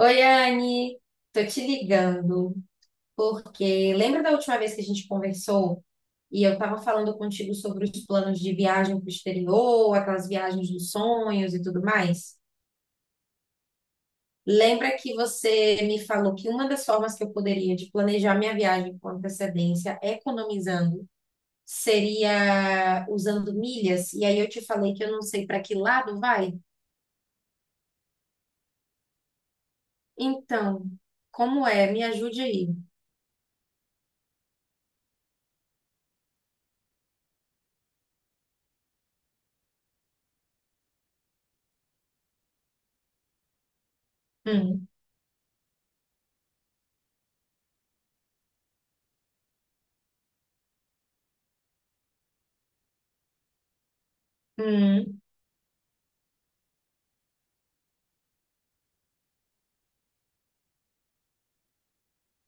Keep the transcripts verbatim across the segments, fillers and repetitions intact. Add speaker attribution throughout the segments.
Speaker 1: Oi, Anne, tô te ligando porque lembra da última vez que a gente conversou e eu tava falando contigo sobre os planos de viagem para o exterior, aquelas viagens dos sonhos e tudo mais? Lembra que você me falou que uma das formas que eu poderia de planejar minha viagem com antecedência, economizando, seria usando milhas? E aí eu te falei que eu não sei para que lado vai? Então, como é? Me ajude aí. Hum, hum,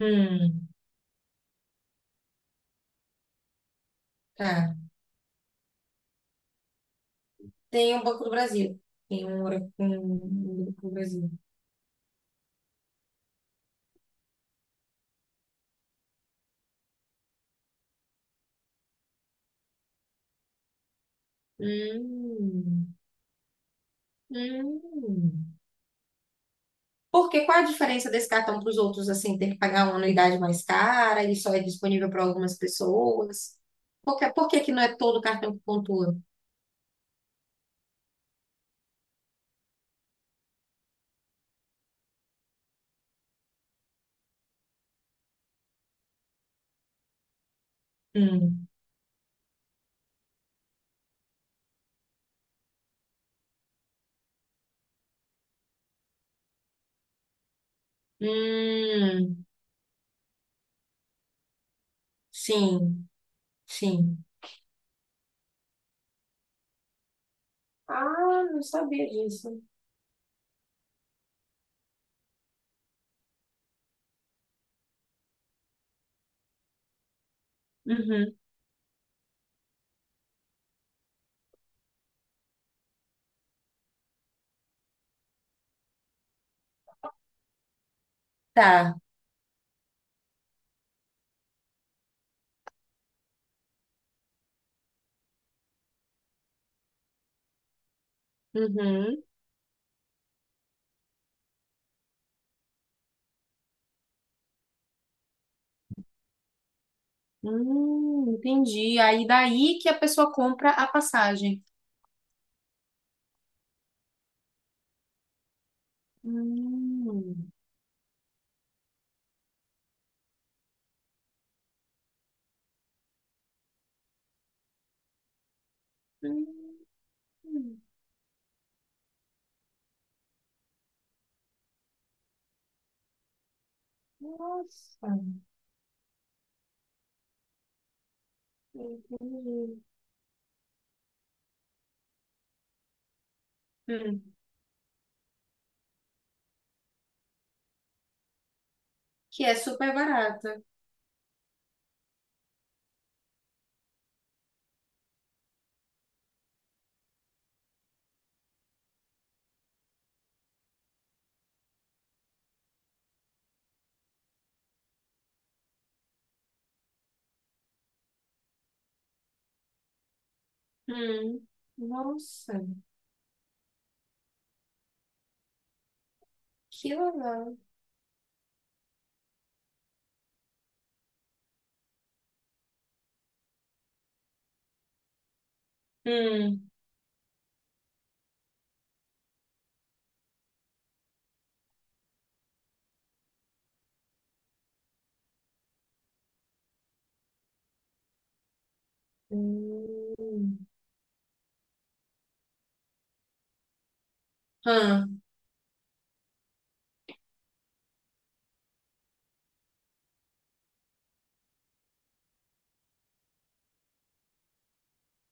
Speaker 1: hum. Tá. Tem um Banco do Brasil. Tem um, ora- um Banco do Brasil. Hum, hum. Por quê? Qual a diferença desse cartão para os outros, assim, ter que pagar uma anuidade mais cara? Ele só é disponível para algumas pessoas? Por que, por que que não é todo cartão que pontua? Hum, hum, sim, sim. Ah, não sabia disso. Uhum, tá. Uhum. Hum, entendi. Aí daí que a pessoa compra a passagem. Hum. Hum, nossa, entendi. Hum, que é super barata. Hum, nossa, que legal. Hum, hum, hã,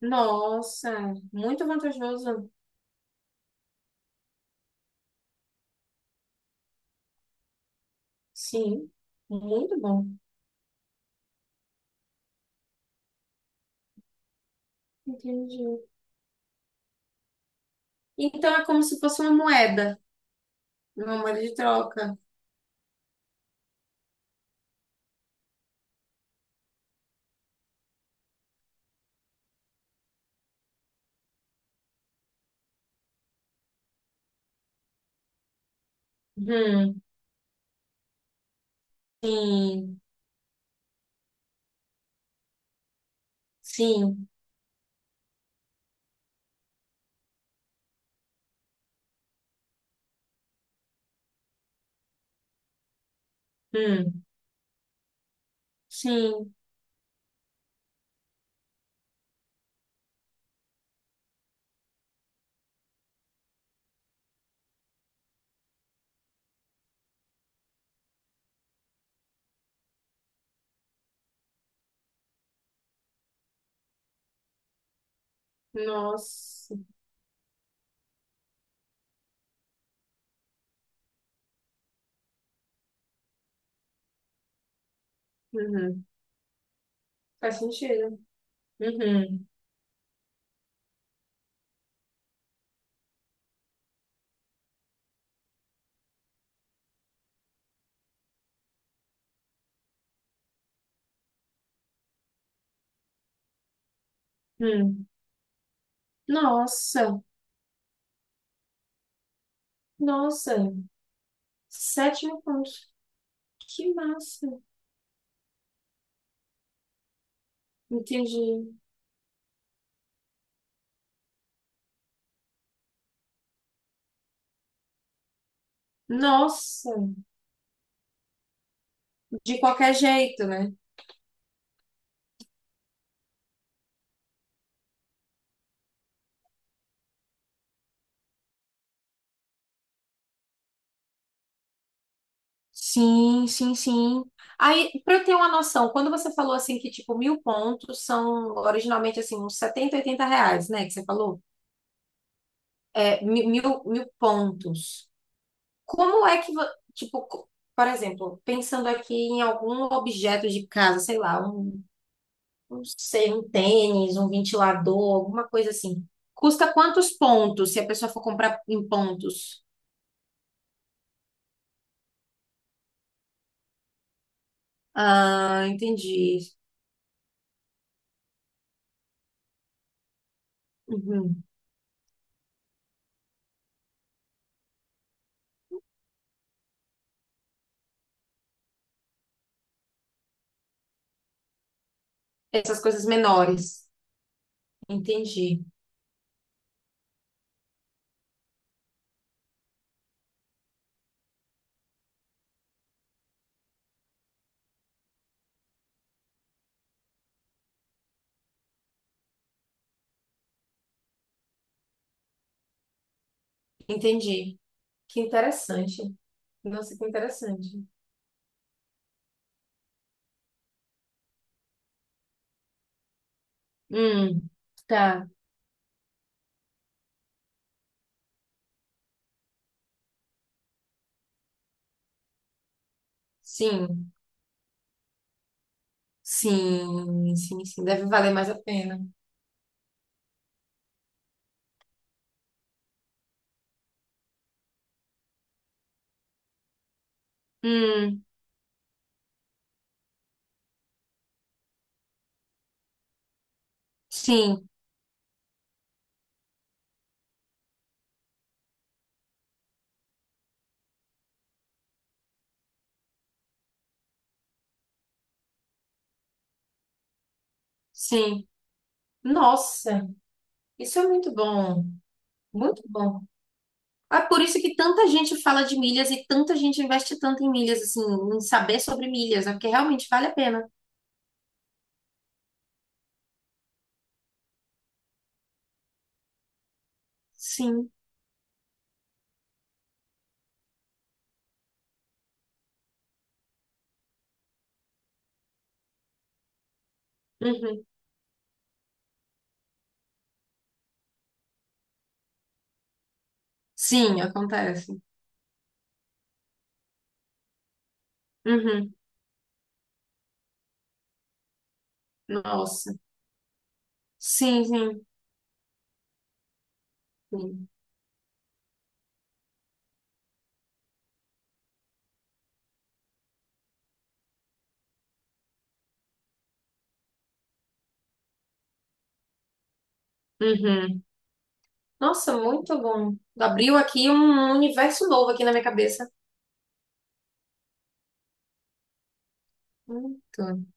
Speaker 1: nossa, muito vantajoso. Sim, muito bom. Entendi. Então é como se fosse uma moeda, uma moeda de troca. Hum, sim, sim, hum, sim. Nossa, uhum, faz sentido. Uhum, hum. Nossa, nossa, sétimo ponto. Que massa. Entendi. Nossa, de qualquer jeito, né? Sim, sim, sim. Aí, para eu ter uma noção, quando você falou assim que tipo mil pontos são originalmente assim uns setenta, oitenta reais, né? Que você falou, é mi- mil, mil, pontos. Como é que vo- tipo, co- por exemplo, pensando aqui em algum objeto de casa, sei lá, um não sei, um tênis, um ventilador, alguma coisa assim. Custa quantos pontos se a pessoa for comprar em pontos? Ah, entendi. Uhum. Essas coisas menores. Entendi, entendi. Que interessante. Nossa, que interessante. Hum, tá. Sim, sim, sim, sim. Deve valer mais a pena. Hum, sim, sim. Nossa, isso é muito bom. Muito bom. É por isso que tanta gente fala de milhas e tanta gente investe tanto em milhas, assim, em saber sobre milhas, né? Porque realmente vale a pena. Sim. Uhum. Sim, acontece. Uhum. Nossa. Sim, sim, sim. Uhum. Nossa, muito bom. Abriu aqui um universo novo aqui na minha cabeça. Muito.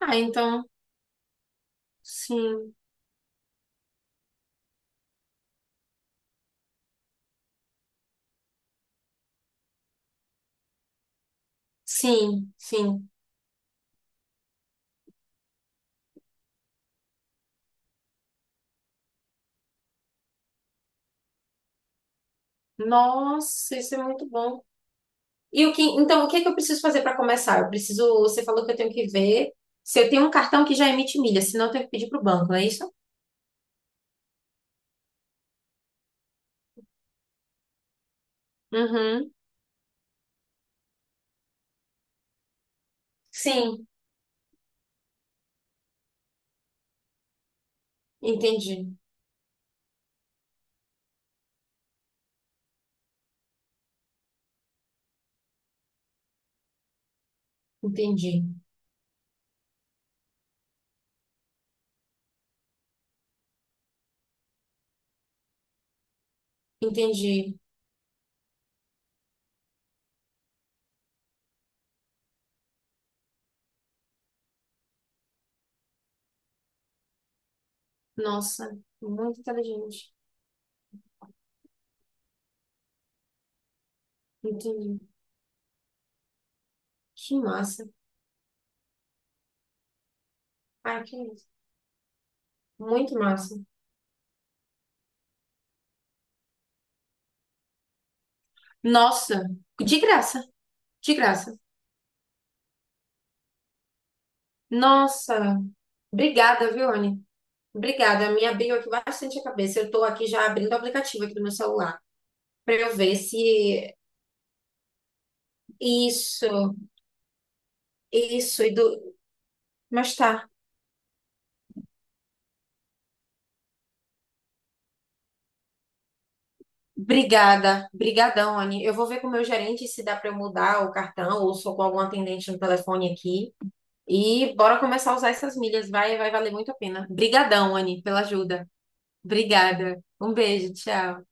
Speaker 1: Ah, então, sim, sim, sim. Nossa, isso é muito bom. E o que, então, o que é que eu preciso fazer para começar? Eu preciso, você falou que eu tenho que ver se eu tenho um cartão que já emite milha, senão eu tenho que pedir para o banco, não é isso? Uhum. Sim, entendi, entendi, entendi. Nossa, muito inteligente. Entendi. Que massa. Ai, que massa. Muito massa. Nossa, de graça, de graça. Nossa, obrigada, viu, Anne? Obrigada, me abriu aqui bastante a cabeça. Eu estou aqui já abrindo o aplicativo aqui do meu celular para eu ver se isso. Isso. E do... mas tá. Obrigada, brigadão, Anne. Eu vou ver com o meu gerente se dá para eu mudar o cartão ou sou com algum atendente no telefone aqui. E bora começar a usar essas milhas, vai, vai valer muito a pena. Brigadão, Anne, pela ajuda. Obrigada. Um beijo, tchau.